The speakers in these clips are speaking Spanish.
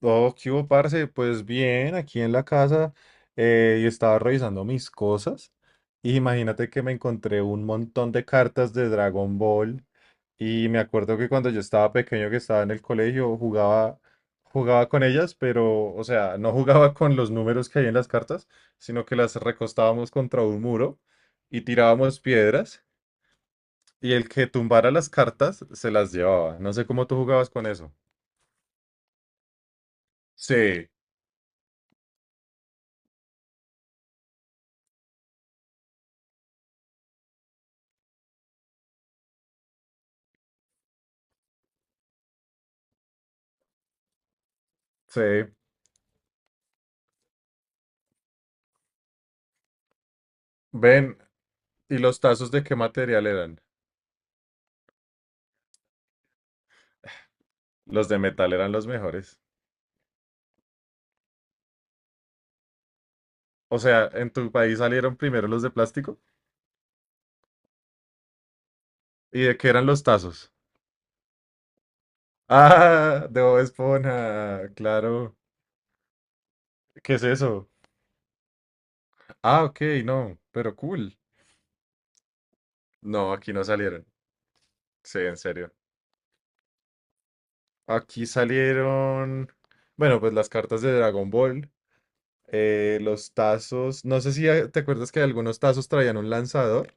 Oh, ¿qué hubo, parce? Pues bien, aquí en la casa, y estaba revisando mis cosas. Y imagínate que me encontré un montón de cartas de Dragon Ball. Y me acuerdo que cuando yo estaba pequeño, que estaba en el colegio, jugaba con ellas, pero, o sea, no jugaba con los números que hay en las cartas, sino que las recostábamos contra un muro y tirábamos piedras. Y el que tumbara las cartas se las llevaba. No sé cómo tú jugabas con eso. Sí. Sí, ven. ¿Y los tazos de qué material eran? Los de metal eran los mejores. O sea, ¿en tu país salieron primero los de plástico? ¿Y de qué eran los tazos? Ah, de Bob Esponja, claro. ¿Qué es eso? Ah, ok, no, pero cool. No, aquí no salieron. Sí, en serio. Aquí salieron, bueno, pues las cartas de Dragon Ball, los tazos. No sé si, te acuerdas que algunos tazos traían un lanzador.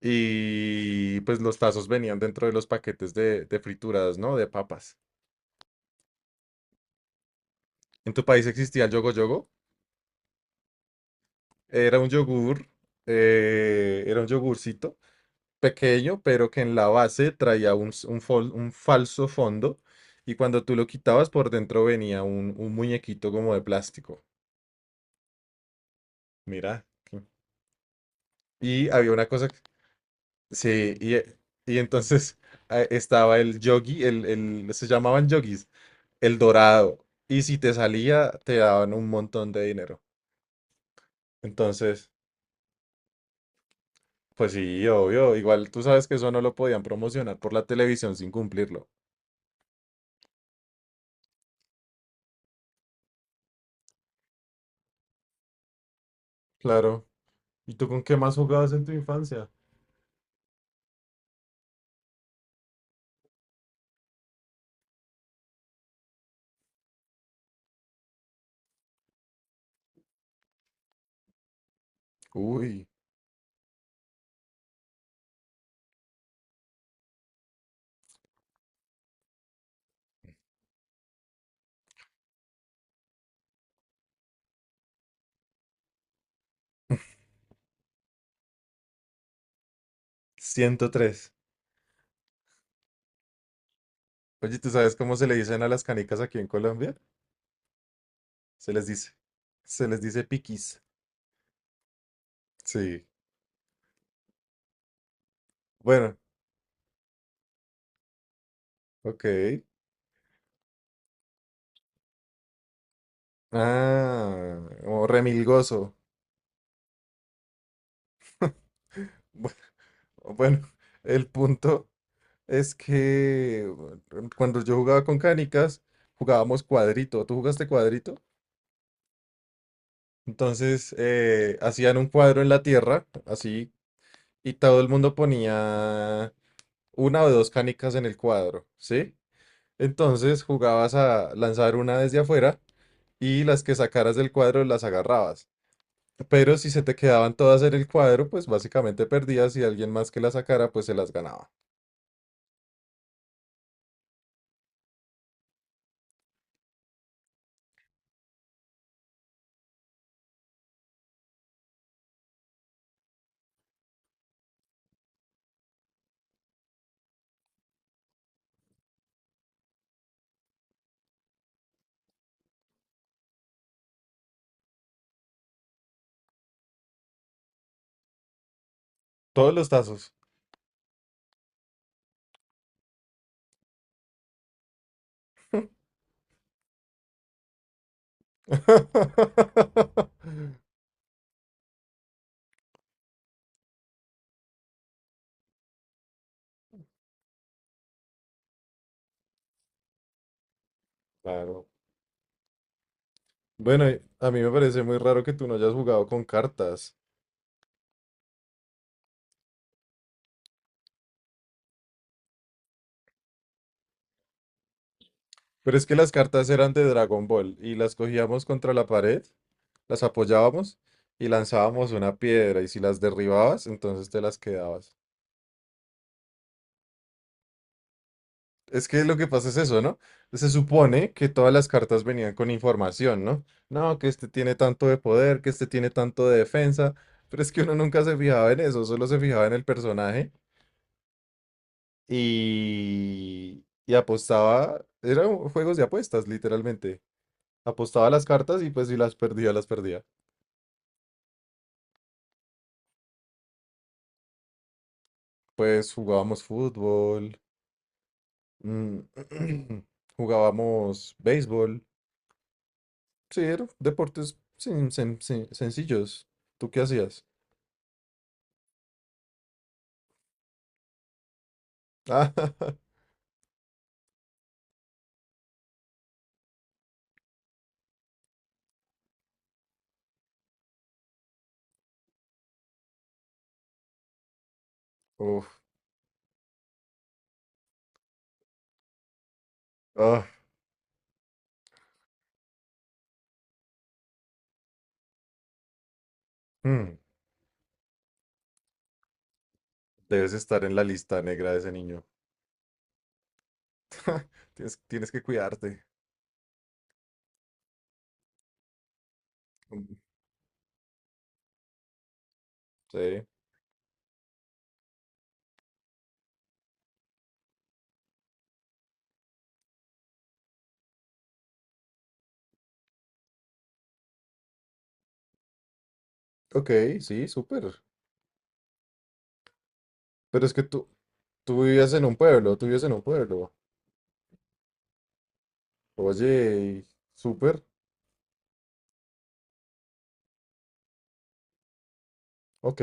Y pues los tazos venían dentro de los paquetes de frituras, ¿no? De papas. ¿En tu país existía el yogo yogo? Era un yogur, era un yogurcito pequeño, pero que en la base traía un, s- un fol- un falso fondo. Y cuando tú lo quitabas, por dentro venía un muñequito como de plástico. Mira, y había una cosa. Sí, y entonces, estaba el yogi, se llamaban yogis, el dorado. Y si te salía, te daban un montón de dinero. Entonces, pues sí, obvio. Igual tú sabes que eso no lo podían promocionar por la televisión sin cumplirlo. Claro. ¿Y tú con qué más jugabas en tu infancia? Uy, 103. Oye, ¿tú sabes cómo se le dicen a las canicas aquí en Colombia? Se les dice. Se les dice piquis. Sí. Bueno, ok. Ah, o remilgoso. Bu- Bueno, el punto es que, bueno, cuando yo jugaba con canicas, jugábamos cuadrito. ¿Tú jugaste cuadrito? Entonces, hacían un cuadro en la tierra, así, y todo el mundo ponía una o dos canicas en el cuadro, ¿sí? Entonces jugabas a lanzar una desde afuera y las que sacaras del cuadro las agarrabas. Pero si se te quedaban todas en el cuadro, pues básicamente perdías y alguien más que la sacara, pues se las ganaba. Todos los tazos. Claro. Bueno, y a mí me parece muy raro que tú no hayas jugado con cartas. Pero es que las cartas eran de Dragon Ball y las cogíamos contra la pared, las apoyábamos y lanzábamos una piedra, y si las derribabas, entonces te las quedabas. Es que lo que pasa es eso, ¿no? Se supone que todas las cartas venían con información, ¿no? No, que este tiene tanto de poder, que este tiene tanto de defensa, pero es que uno nunca se fijaba en eso, solo se fijaba en el personaje y apostaba, eran juegos de apuestas, literalmente. Apostaba las cartas y pues si las perdía, las perdía. Pues jugábamos fútbol, mm, jugábamos béisbol, sí, eran deportes sencillos. ¿Tú qué hacías? Ah, uf, ah, mm, debes estar en la lista negra de ese niño. Tienes que cuidarte. Mm. Sí. Ok, sí, súper. Pero es que tú vivías en un pueblo, tú vivías en un pueblo. Oye, súper. Ok.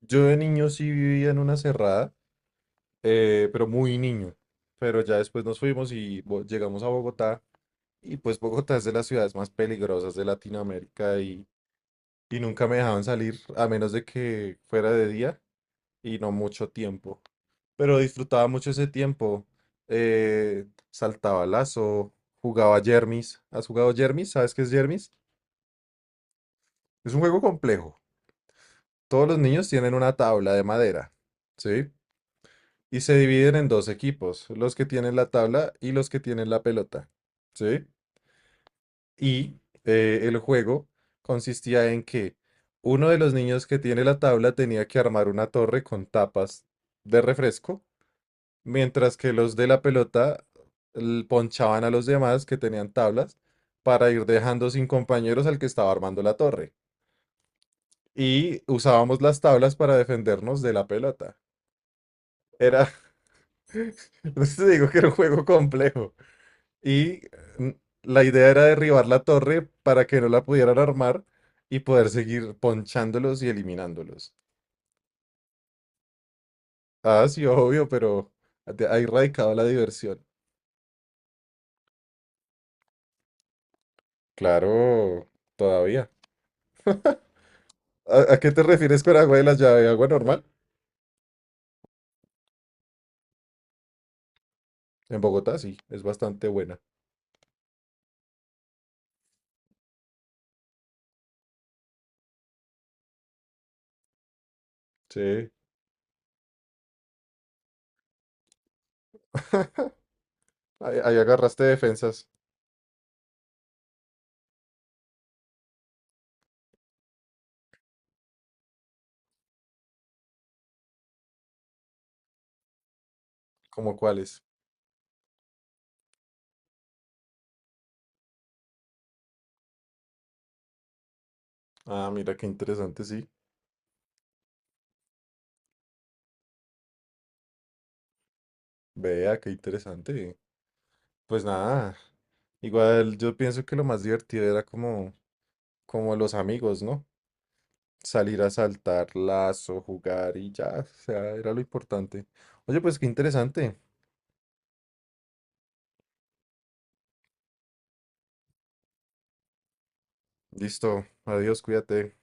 Yo de niño sí vivía en una cerrada, pero muy niño. Pero ya después nos fuimos y llegamos a Bogotá. Y pues Bogotá es de las ciudades más peligrosas de Latinoamérica, y nunca me dejaban salir a menos de que fuera de día. Y no mucho tiempo. Pero disfrutaba mucho ese tiempo. Saltaba lazo, jugaba Jermis. ¿Has jugado Jermis? ¿Sabes qué es Jermis? Es un juego complejo. Todos los niños tienen una tabla de madera, ¿sí? Y se dividen en dos equipos, los que tienen la tabla y los que tienen la pelota, ¿sí? Y el juego consistía en que uno de los niños que tiene la tabla tenía que armar una torre con tapas de refresco, mientras que los de la pelota ponchaban a los demás que tenían tablas para ir dejando sin compañeros al que estaba armando la torre. Y usábamos las tablas para defendernos de la pelota. Era, no te digo que era un juego complejo. Y mm, la idea era derribar la torre para que no la pudieran armar y poder seguir ponchándolos y eliminándolos. Ah, sí, obvio, pero ahí radicaba la diversión. Claro, todavía. ¿A qué te refieres con agua de la llave? ¿Agua normal? En Bogotá sí, es bastante buena. Sí. Ahí agarraste defensas. ¿Cómo cuáles? Ah, mira qué interesante, sí. Vea, qué interesante. Pues nada, igual yo pienso que lo más divertido era como los amigos, ¿no? Salir a saltar lazo, jugar y ya, o sea, era lo importante. Oye, pues qué interesante. Listo, adiós, cuídate.